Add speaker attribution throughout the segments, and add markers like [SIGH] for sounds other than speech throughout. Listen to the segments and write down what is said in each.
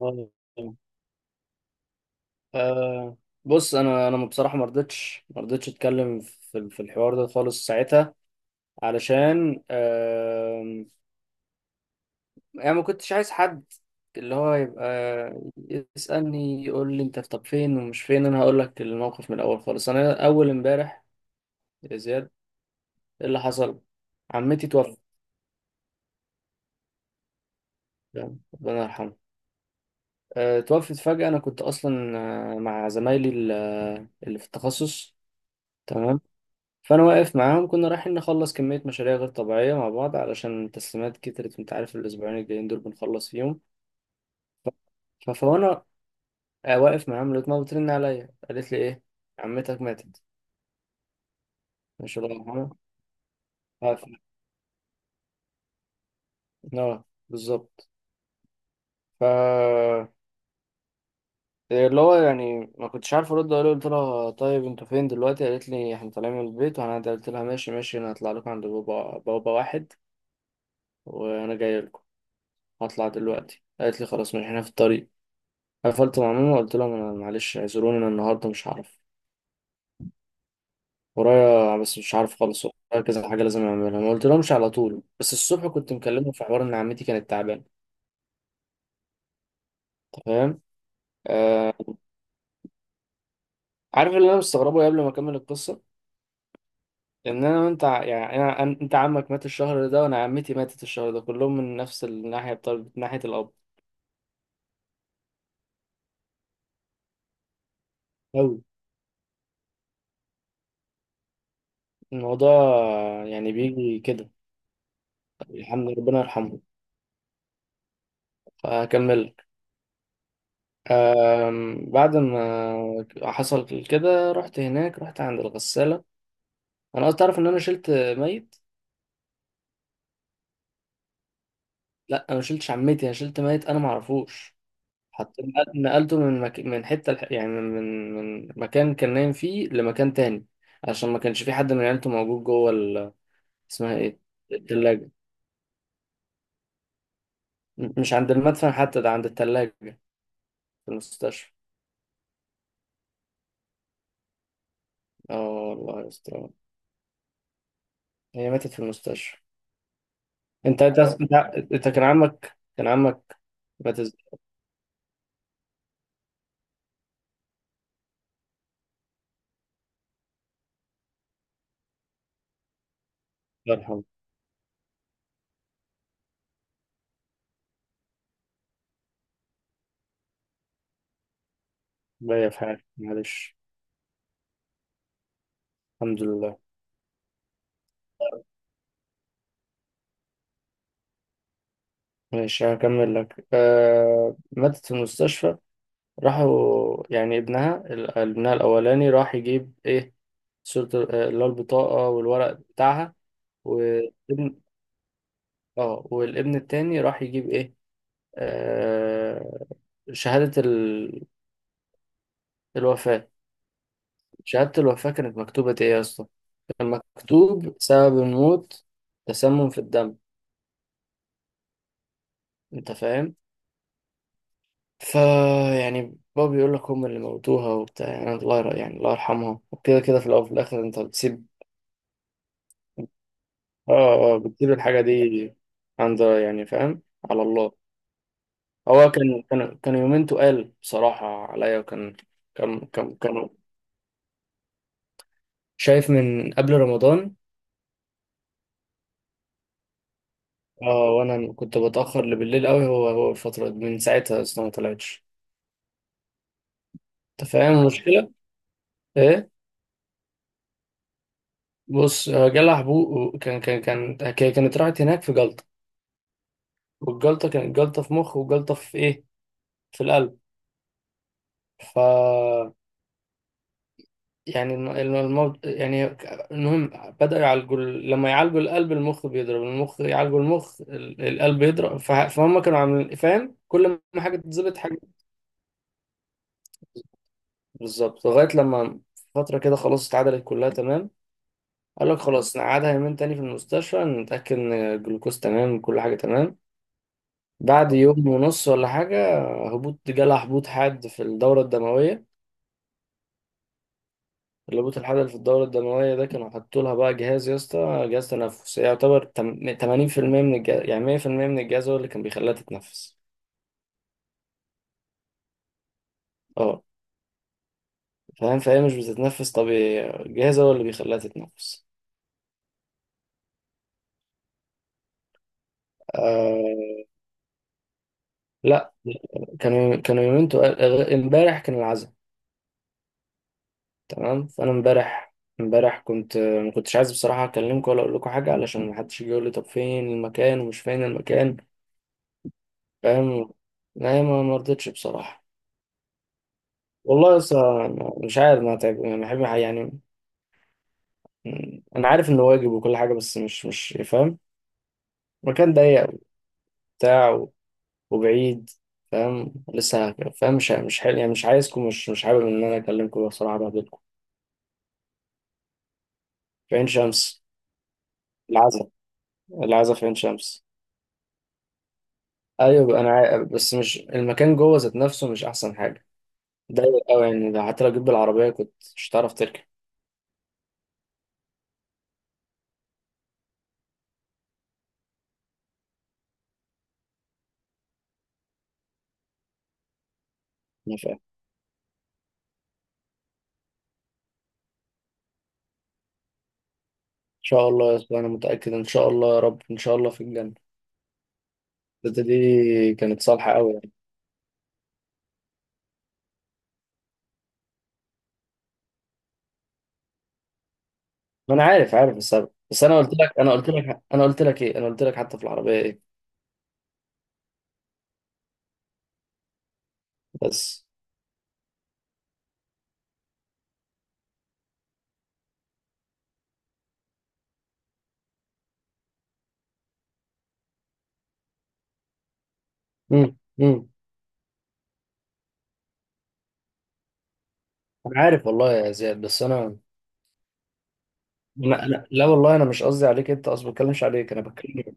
Speaker 1: آه، آه، بص انا بصراحه ما رضيتش اتكلم في الحوار ده خالص ساعتها علشان يعني ما كنتش عايز حد اللي هو يبقى يسالني يقول لي انت طب فين ومش فين، انا هقول لك الموقف من الاول خالص. انا اول امبارح يا زياد ايه اللي حصل؟ عمتي توفت. تمام؟ ربنا يرحمها. توفت فجاه. انا كنت اصلا مع زمايلي اللي في التخصص. تمام. فانا واقف معاهم، كنا رايحين نخلص كميه مشاريع غير طبيعيه مع بعض علشان تسليمات كترت، وانت عارف الاسبوعين الجايين دول بنخلص فيهم. فانا واقف معاهم لقيت ماما بترن عليا، قالت لي ايه، عمتك ماتت. مش الله يرحمها. ف- ف- اه بالظبط. ف اللي هو يعني ما كنتش عارف ارد اقول لها، قلت لها طيب انتوا فين دلوقتي، قالت لي احنا طالعين من البيت وهنعدي، قلت لها ماشي ماشي، انا هطلع لكم عند بابا، بابا، واحد وانا جاي لكم، هطلع دلوقتي. قالت لي خلاص ماشي احنا في الطريق. قفلت مع ماما، قلت لهم انا معلش اعذروني انا النهارده مش هعرف، ورايا، بس مش عارف خالص ورايا كذا حاجه لازم اعملها. ما قلت لهمش على طول، بس الصبح كنت مكلمه في حوار ان عمتي كانت تعبانه. أنت فاهم؟ آه. عارف اللي انا مستغربه قبل ما اكمل القصه، ان انا وانت يعني انا انت عمك مات الشهر ده وانا عمتي ماتت الشهر ده، كلهم من نفس الناحيه بتاع ناحيه الاب. قوي الموضوع يعني، بيجي كده. الحمد لله ربنا يرحمه. فهكمل. بعد ما حصل كده رحت هناك، رحت عند الغسالة. انا قلت تعرف ان انا شلت ميت. لا انا ما شلتش عمتي، انا شلت ميت انا ما اعرفوش. حطيت، نقلته من حتة يعني من مكان كان نايم فيه لمكان تاني، عشان ما كانش في حد من عيلته موجود جوه ال... اسمها ايه، التلاجة. مش عند المدفن حتى، ده عند التلاجة في المستشفى. اه والله يستر. هي ماتت في المستشفى. انت انت انت, انت كان عمك كان عمك، مات الله يرحمه. بيا في حالي معلش. الحمد لله. ماشي هكمل لك. آه ماتت في المستشفى. راحوا يعني ابنها ابنها الأولاني راح يجيب إيه، صورة اللي هو البطاقة والورق بتاعها. والابن، اه والابن التاني راح يجيب إيه، آه شهادة ال... الوفاة. شهادة الوفاة كانت مكتوبة إيه يا اسطى؟ كان مكتوب سبب الموت، تسمم في الدم. أنت فاهم؟ فا يعني بابا بيقول لك هم اللي موتوها وبتاع، يعني الله يعني الله يرحمها، وكده كده في الأول وفي الآخر. أنت بتسيب، بتسيب الحاجة دي عند، يعني فاهم، على الله. هو كان يومين تقال بصراحة عليا. وكان كان شايف من قبل رمضان. اه وأنا كنت بتأخر لبالليل قوي. هو الفترة دي من ساعتها أصلا ما طلعتش. أنت فاهم المشكلة؟ إيه؟ بص، جالها حبوب. كان هي كانت راحت هناك في جلطة. والجلطة كانت جلطة في مخ وجلطة في إيه، في القلب. ف يعني الموض... يعني إنهم بدأوا يعالجوا لما يعالجوا القلب المخ بيضرب، المخ يعالجوا المخ القلب يضرب ف... فهم كانوا عاملين فاهم، كل ما حاجة تتظبط حاجة. بالظبط لغاية لما فترة كده خلاص اتعدلت كلها تمام. قال لك خلاص نقعدها يومين تاني في المستشفى، نتأكد إن الجلوكوز تمام، كل حاجة تمام. بعد يوم ونص ولا حاجة، هبوط جالها، هبوط حاد في الدورة الدموية. اللبوت الحبل في الدورة الدموية ده، كانوا حطوا لها بقى جهاز يا اسطى، جهاز تنفس يعتبر 80% من الجهاز، يعني 100% من الجهاز هو اللي كان بيخليها تتنفس. اه فاهم، فهي مش بتتنفس طبيعي، الجهاز هو اللي بيخليها تتنفس. آه لا. كانوا يومينتو، امبارح كان العزاء. تمام. فانا امبارح، امبارح كنت ما كنتش عايز بصراحة اكلمكم ولا اقول لكم حاجة، علشان ما حدش يجي يقول لي طب فين المكان ومش فين المكان. فاهم. لا ما مرضتش بصراحة. والله لسه مش عارف، ما تعب يعني، بحب يعني. انا عارف انه واجب وكل حاجه، بس مش مش فاهم. مكان ضيق وبتاع وبعيد. فاهم. لسه فاهم، مش مش حل... يعني مش عايزكم، مش مش حابب ان انا اكلمكم بصراحه بهدلكم. في عين شمس. العزا، العزا في عين شمس. ايوه انا عارف، بس مش المكان جوه ذات نفسه مش احسن حاجه، ضيق قوي يعني. ده حتى لو جيت بالعربيه كنت مش هتعرف تركب. انا فاهم، ان شاء الله يا أسطى، انا متاكد ان شاء الله يا رب، ان شاء الله في الجنه. الحتة دي كانت صالحة أوي يعني. ما انا عارف عارف السبب. بس انا قلت لك انا قلت لك انا قلت لك ايه، انا قلت لك حتى في العربيه ايه. بس امم. انا عارف والله يا زياد، بس انا، لا والله انا مش قصدي عليك انت، اصلا ما بتكلمش عليك، انا بتكلم.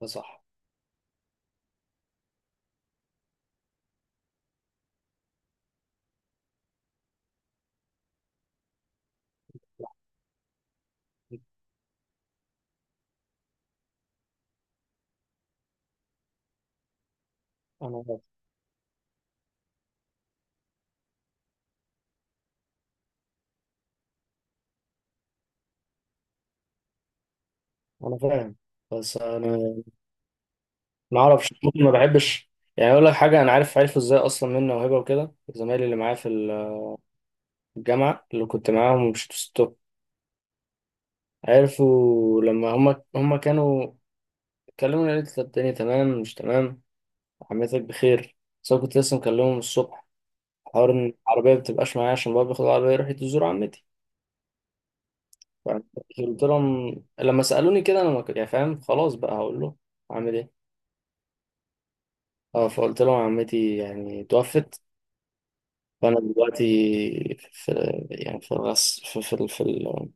Speaker 1: ده صح. انا عارف. انا فاهم، بس انا ما اعرفش، ممكن ما بحبش يعني. اقول لك حاجه، انا عارف، عارف ازاي اصلا منه وهبه وكده زمايلي اللي معايا في الجامعه اللي كنت معاهم ومشيتوا ستوب، عرفوا لما هم كانوا اتكلموا، قالت لي الدنيا تمام مش تمام، عمتك بخير، بس انا كنت لسه مكلمهم الصبح حوار ان العربيه ما بتبقاش معايا عشان بابا بياخد العربيه يروح يزور عمتي. فقلت لهم لما سالوني كده، انا ما كنت- يعني فاهم خلاص بقى هقول له اعمل ايه. اه فقلت لهم عمتي يعني توفت، فانا دلوقتي في، يعني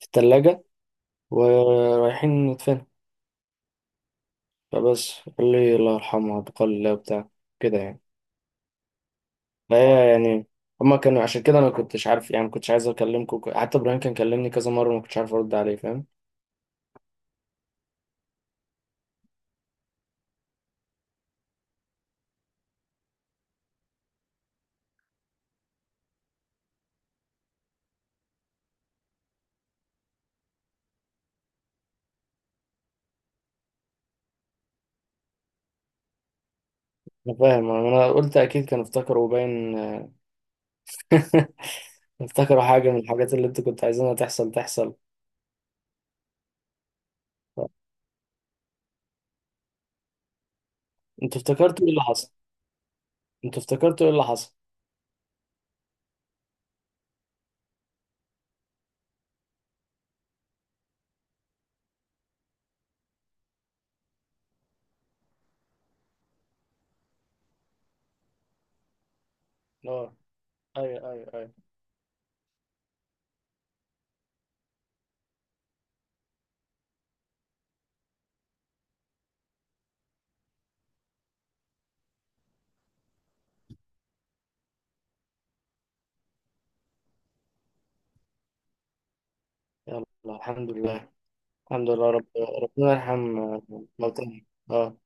Speaker 1: في الثلاجه ورايحين ندفنها. فبس قال لي الله يرحمها، بقال الله وبتاع كده يعني. ايوه يعني. هما كانوا عشان كده انا كنتش عارف، يعني ما كنتش عايز اكلمكم، حتى ابراهيم كان كلمني كذا مره وما كنتش عارف ارد عليه. فاهم. انا فاهم. انا قلت اكيد كانوا افتكروا باين [LAUGHS] افتكروا حاجه من الحاجات اللي انتوا كنتوا عايزينها تحصل تحصل. انتوا افتكرتوا ايه اللي حصل؟ انتوا افتكرتوا ايه اللي حصل؟ اه ايوه. يلا الحمد لله. الحمد لله رب، ربنا يرحم موتانا. اه